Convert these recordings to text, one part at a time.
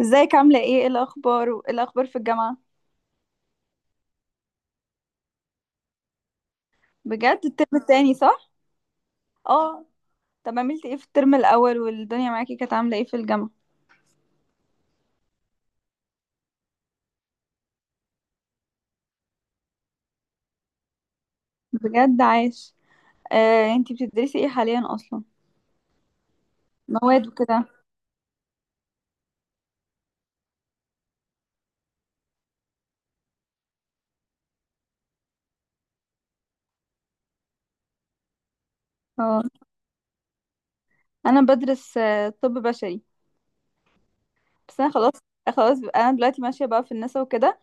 ازيك؟ عاملة ايه؟ ايه الأخبار؟ وايه الأخبار في الجامعة؟ بجد الترم التاني صح؟ اه. طب عملتي ايه في الترم الأول والدنيا معاكي كانت عاملة ايه في الجامعة؟ بجد عاش. انتي بتدرسي ايه حاليا أصلا؟ مواد وكده؟ اه. أنا بدرس طب بشري. بس أنا خلاص. أنا دلوقتي ماشية بقى في النسا وكده.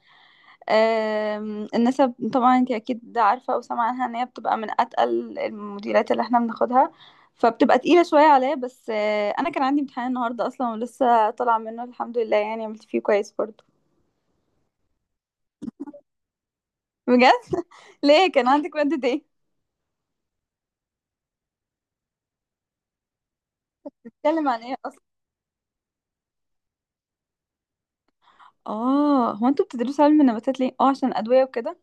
النسب طبعا انت اكيد عارفه او سامعه عنها ان هي بتبقى من اتقل المديرات اللي احنا بناخدها، فبتبقى تقيله شويه عليا. بس انا كان عندي امتحان النهارده اصلا ولسه طالعه منه الحمد لله، يعني عملت فيه كويس برضه. بجد. ليه؟ كان عندك ماده ايه؟ بتتكلم عن ايه اصلا؟ اه، هو انتوا بتدرسوا علم النباتات ليه؟ اه عشان الادويه وكده.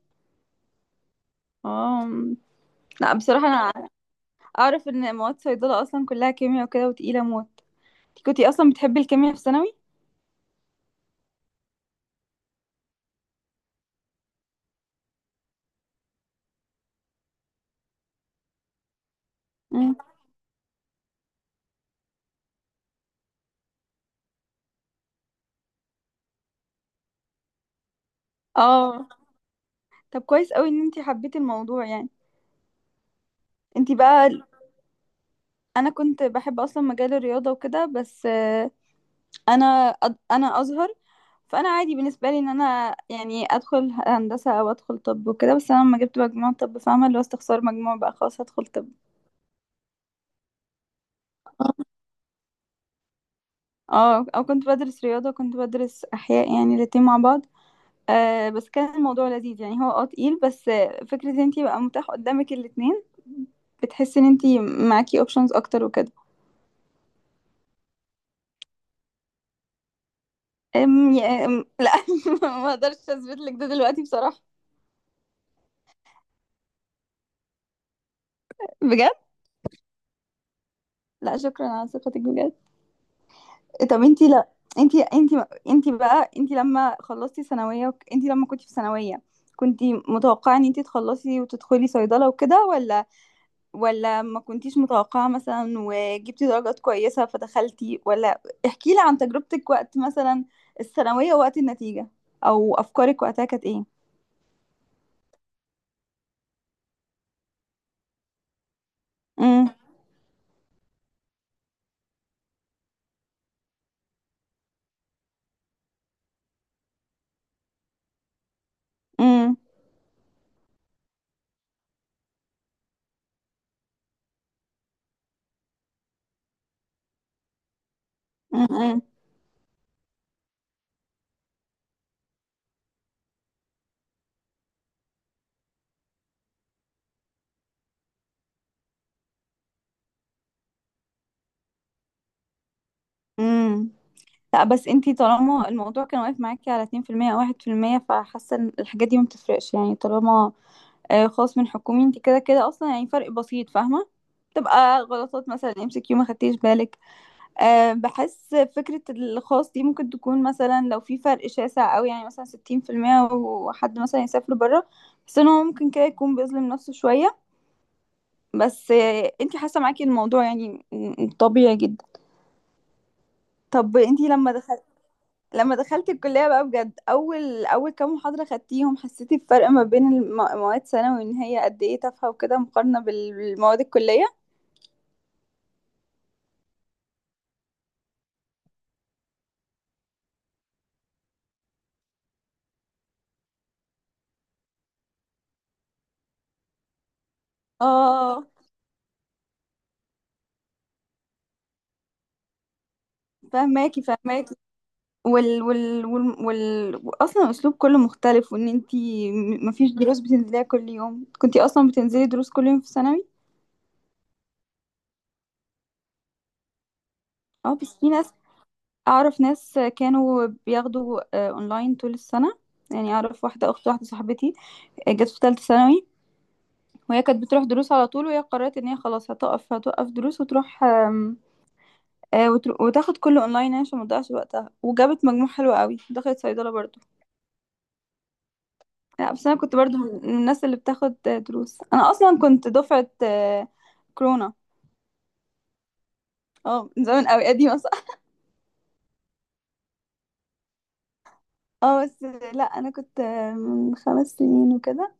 اه. لا بصراحه انا اعرف ان مواد صيدله اصلا كلها كيمياء وكده وتقيله موت. انتي كنتي اصلا بتحبي الكيمياء في ثانوي؟ مم. اه، طب كويس قوي ان انتي حبيتي الموضوع يعني. انتي بقى. انا كنت بحب اصلا مجال الرياضة وكده. بس انا ازهر، فانا عادي بالنسبة لي ان انا يعني ادخل هندسة او ادخل طب وكده. بس انا لما جبت مجموع طب، فاهمة اللي هو استخسار مجموع، بقى خلاص هدخل طب. آه، اه، او كنت بدرس رياضة وكنت بدرس احياء، يعني الاتنين مع بعض. آه، بس كان الموضوع لذيذ يعني. هو اه تقيل، بس فكرة ان انتي بقى متاح قدامك الاتنين، بتحسي ان انتي معاكي اوبشنز اكتر وكده. أم يا أم لا. ما اقدرش اثبت لك ده دلوقتي بصراحة. بجد؟ لا شكرا على ثقتك بجد. إيه، طب انتي لا. انتي لما خلصتي ثانوية انتي لما كنتي في ثانوية، كنتي متوقعة ان انتي تخلصي وتدخلي صيدلة وكده، ولا ولا ما كنتيش متوقعة مثلا وجبتي درجات كويسة فدخلتي؟ ولا احكي لي عن تجربتك وقت مثلا الثانوية، وقت النتيجة، او افكارك وقتها كانت ايه؟ امم. امم. امم. لا بس انتي طالما الموضوع كان واقف معاكي على 2% او 1%، فحاسه ان الحاجات دي ما بتفرقش يعني. طالما خاص من حكومي، انتي كده كده اصلا يعني فرق بسيط، فاهمه، تبقى غلطات مثلا ام سي كيو ما خدتيش بالك. أه، بحس فكره الخاص دي ممكن تكون مثلا لو في فرق شاسع قوي، يعني مثلا 60%، وحد مثلا يسافر بره، بس ان هو ممكن كده يكون بيظلم نفسه شويه. بس انتي حاسه معاكي الموضوع يعني طبيعي جدا. طب انتي لما، لما دخلت الكلية بقى بجد، أول كام محاضرة خدتيهم، حسيتي بفرق ما بين مواد ثانوي إن هي قد إيه تافهة وكده، مقارنة بالمواد الكلية؟ اه. فهماكي فهماكي. أصلا الأسلوب كله مختلف، وإن انتي مفيش دروس بتنزليها كل يوم. كنتي أصلا بتنزلي دروس كل يوم في ثانوي. اه، بس في ناس أعرف ناس كانوا بياخدوا أونلاين طول السنة. يعني أعرف واحدة، أخت واحدة صاحبتي، جت في تالتة ثانوي، وهي كانت بتروح دروس على طول، وهي قررت ان هي خلاص هتقف، هتوقف دروس وتروح وتاخد كله اونلاين عشان ما تضيعش وقتها، وجابت مجموع حلو قوي دخلت صيدله برضو. لا بس انا كنت برضو من الناس اللي بتاخد دروس. انا اصلا كنت دفعه كورونا. اه، من زمان قوي قديمه صح. اه بس لا انا كنت من 5 سنين وكده.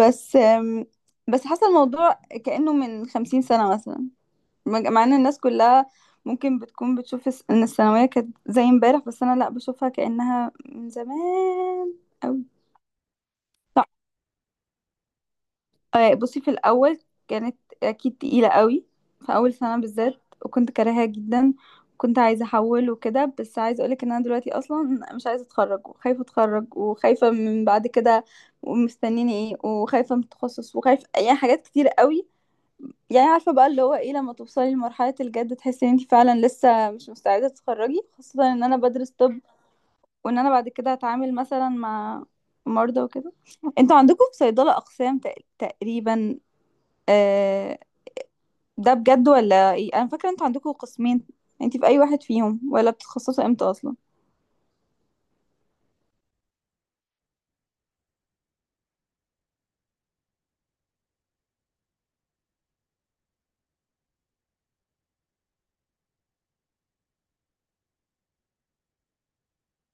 بس آم، بس حصل الموضوع كأنه من 50 سنة مثلا. مع ان الناس كلها ممكن بتكون بتشوف ان الثانوية كانت زي امبارح، بس انا لا، بشوفها كأنها من زمان قوي. صح. بصي في الأول كانت أكيد تقيلة قوي، في أول سنة بالذات، وكنت كارهاها جدا. كنت عايزة أحول وكده، بس عايزة أقولك إن أنا دلوقتي أصلا مش عايزة أتخرج، وخايفة أتخرج، وخايفة من بعد كده ومستنيني إيه، وخايفة من التخصص، وخايفة يعني حاجات كتير قوي. يعني عارفة بقى اللي هو ايه لما توصلي لمرحلة الجد، تحسي ان انت فعلا لسه مش مستعدة تتخرجي، خاصة ان انا بدرس طب، وان انا بعد كده هتعامل مثلا مع مرضى وكده. انتوا عندكم في صيدلة اقسام تقريبا آه، ده بجد ولا ايه؟ انا فاكرة انتوا عندكم قسمين. انت في اي واحد فيهم، ولا بتتخصصوا امتى اصلا؟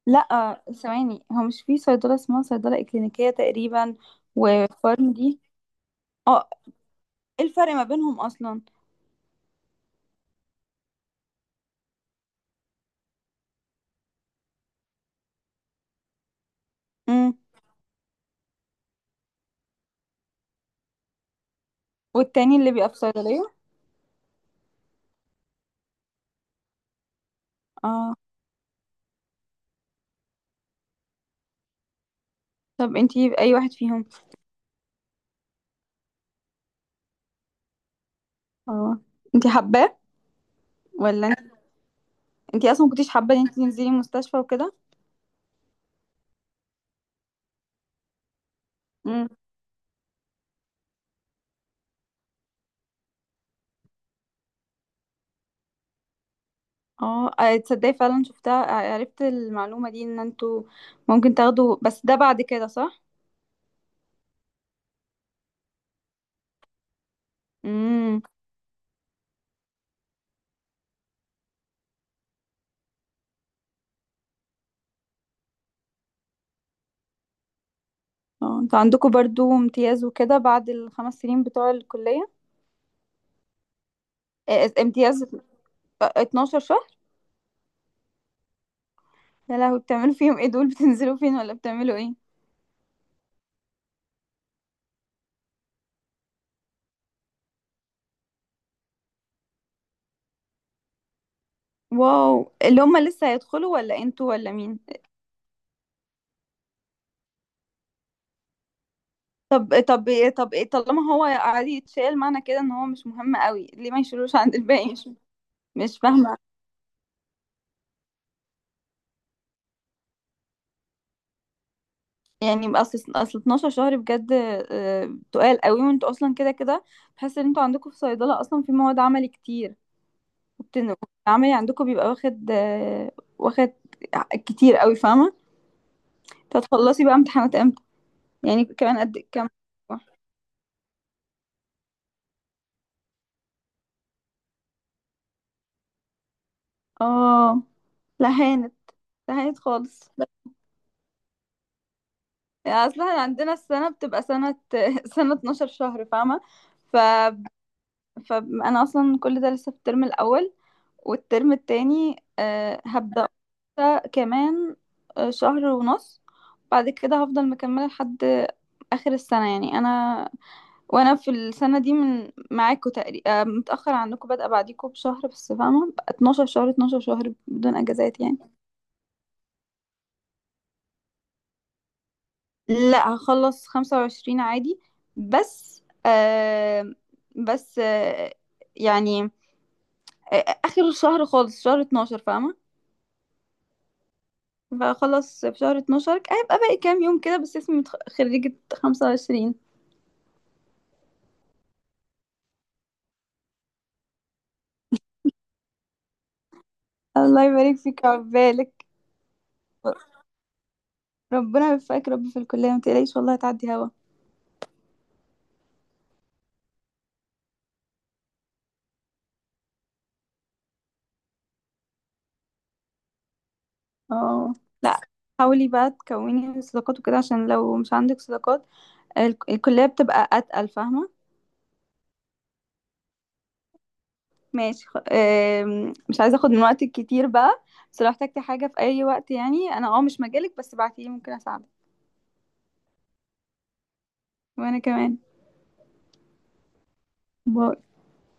لا ثواني، هو مش في صيدلة اسمها صيدلة اكلينيكية تقريبا، وفارم دي؟ اه. ايه الفرق ما بينهم اصلا؟ امم. والتاني اللي بيبقى في صيدلية؟ اه. طب انتي اي واحد فيهم؟ اه، انتي حباه، ولا انتي اصلا ما كنتيش حابه ان انتي تنزلي المستشفى وكده؟ امم. اه، اه، تصدقي فعلا شفتها، عرفت المعلومه دي ان انتوا ممكن تاخدوا، بس ده بعد كده صح؟ امم. اه، انتوا عندكم برضو امتياز وكده بعد الخمس سنين بتوع الكليه؟ اه، اه، امتياز. اه، 12 شهر. يا لهوي، بتعملوا فيهم ايه دول؟ بتنزلوا فين ولا بتعملوا ايه؟ واو، اللي هم لسه هيدخلوا، ولا انتوا، ولا مين؟ طب طب طب ايه، طالما هو عادي يتشال، معنى كده ان هو مش مهم قوي، ليه ما يشيلوش عند الباقي؟ مش فاهمه. يعني اصل 12 شهر بجد تقال قوي، وانتوا اصلا كده كده بحس ان انتوا عندكم في صيدله اصلا في مواد عملي كتير، وبتن- العملي عندكم بيبقى واخد واخد كتير قوي، فاهمه. تتخلصي بقى امتحانات امتى؟ يعني كمان قد كام أسبوع؟ اه، لا هانت. لا هانت خالص. اصل احنا عندنا السنة بتبقى سنة. سنة 12 شهر فاهمة. ف... فانا اصلا كل ده لسه في الترم الاول، والترم التاني هبدأ أولى كمان. شهر ونص بعد كده هفضل مكملة لحد اخر السنة. يعني انا، وانا في السنة دي، من معاكم تقريبا متأخر عنكم، بادئة بعديكم بشهر بس، فاهمة بقى 12 شهر، 12 شهر بدون اجازات يعني. لا هخلص 25 عادي. بس آه بس آه يعني آه آخر الشهر خالص، شهر 12 فاهمة. فأخلص في شهر 12، هيبقى باقي كام يوم كده بس، اسمي خريجة 25. الله يبارك فيك وعقبالك. ربنا يوفقك يا رب في الكلية، متقلقيش والله هتعدي هوا. اه. لا حاولي بقى تكوني صداقات وكده، عشان لو مش عندك صداقات الكلية بتبقى أتقل فاهمة. ماشي. خ... آم، مش عايزة اخد من وقتك كتير بقى، بس لو احتجتي حاجة في اي وقت، يعني انا اه مش مجالك، بس بعتيلي ممكن اساعدك. وانا كمان. باي.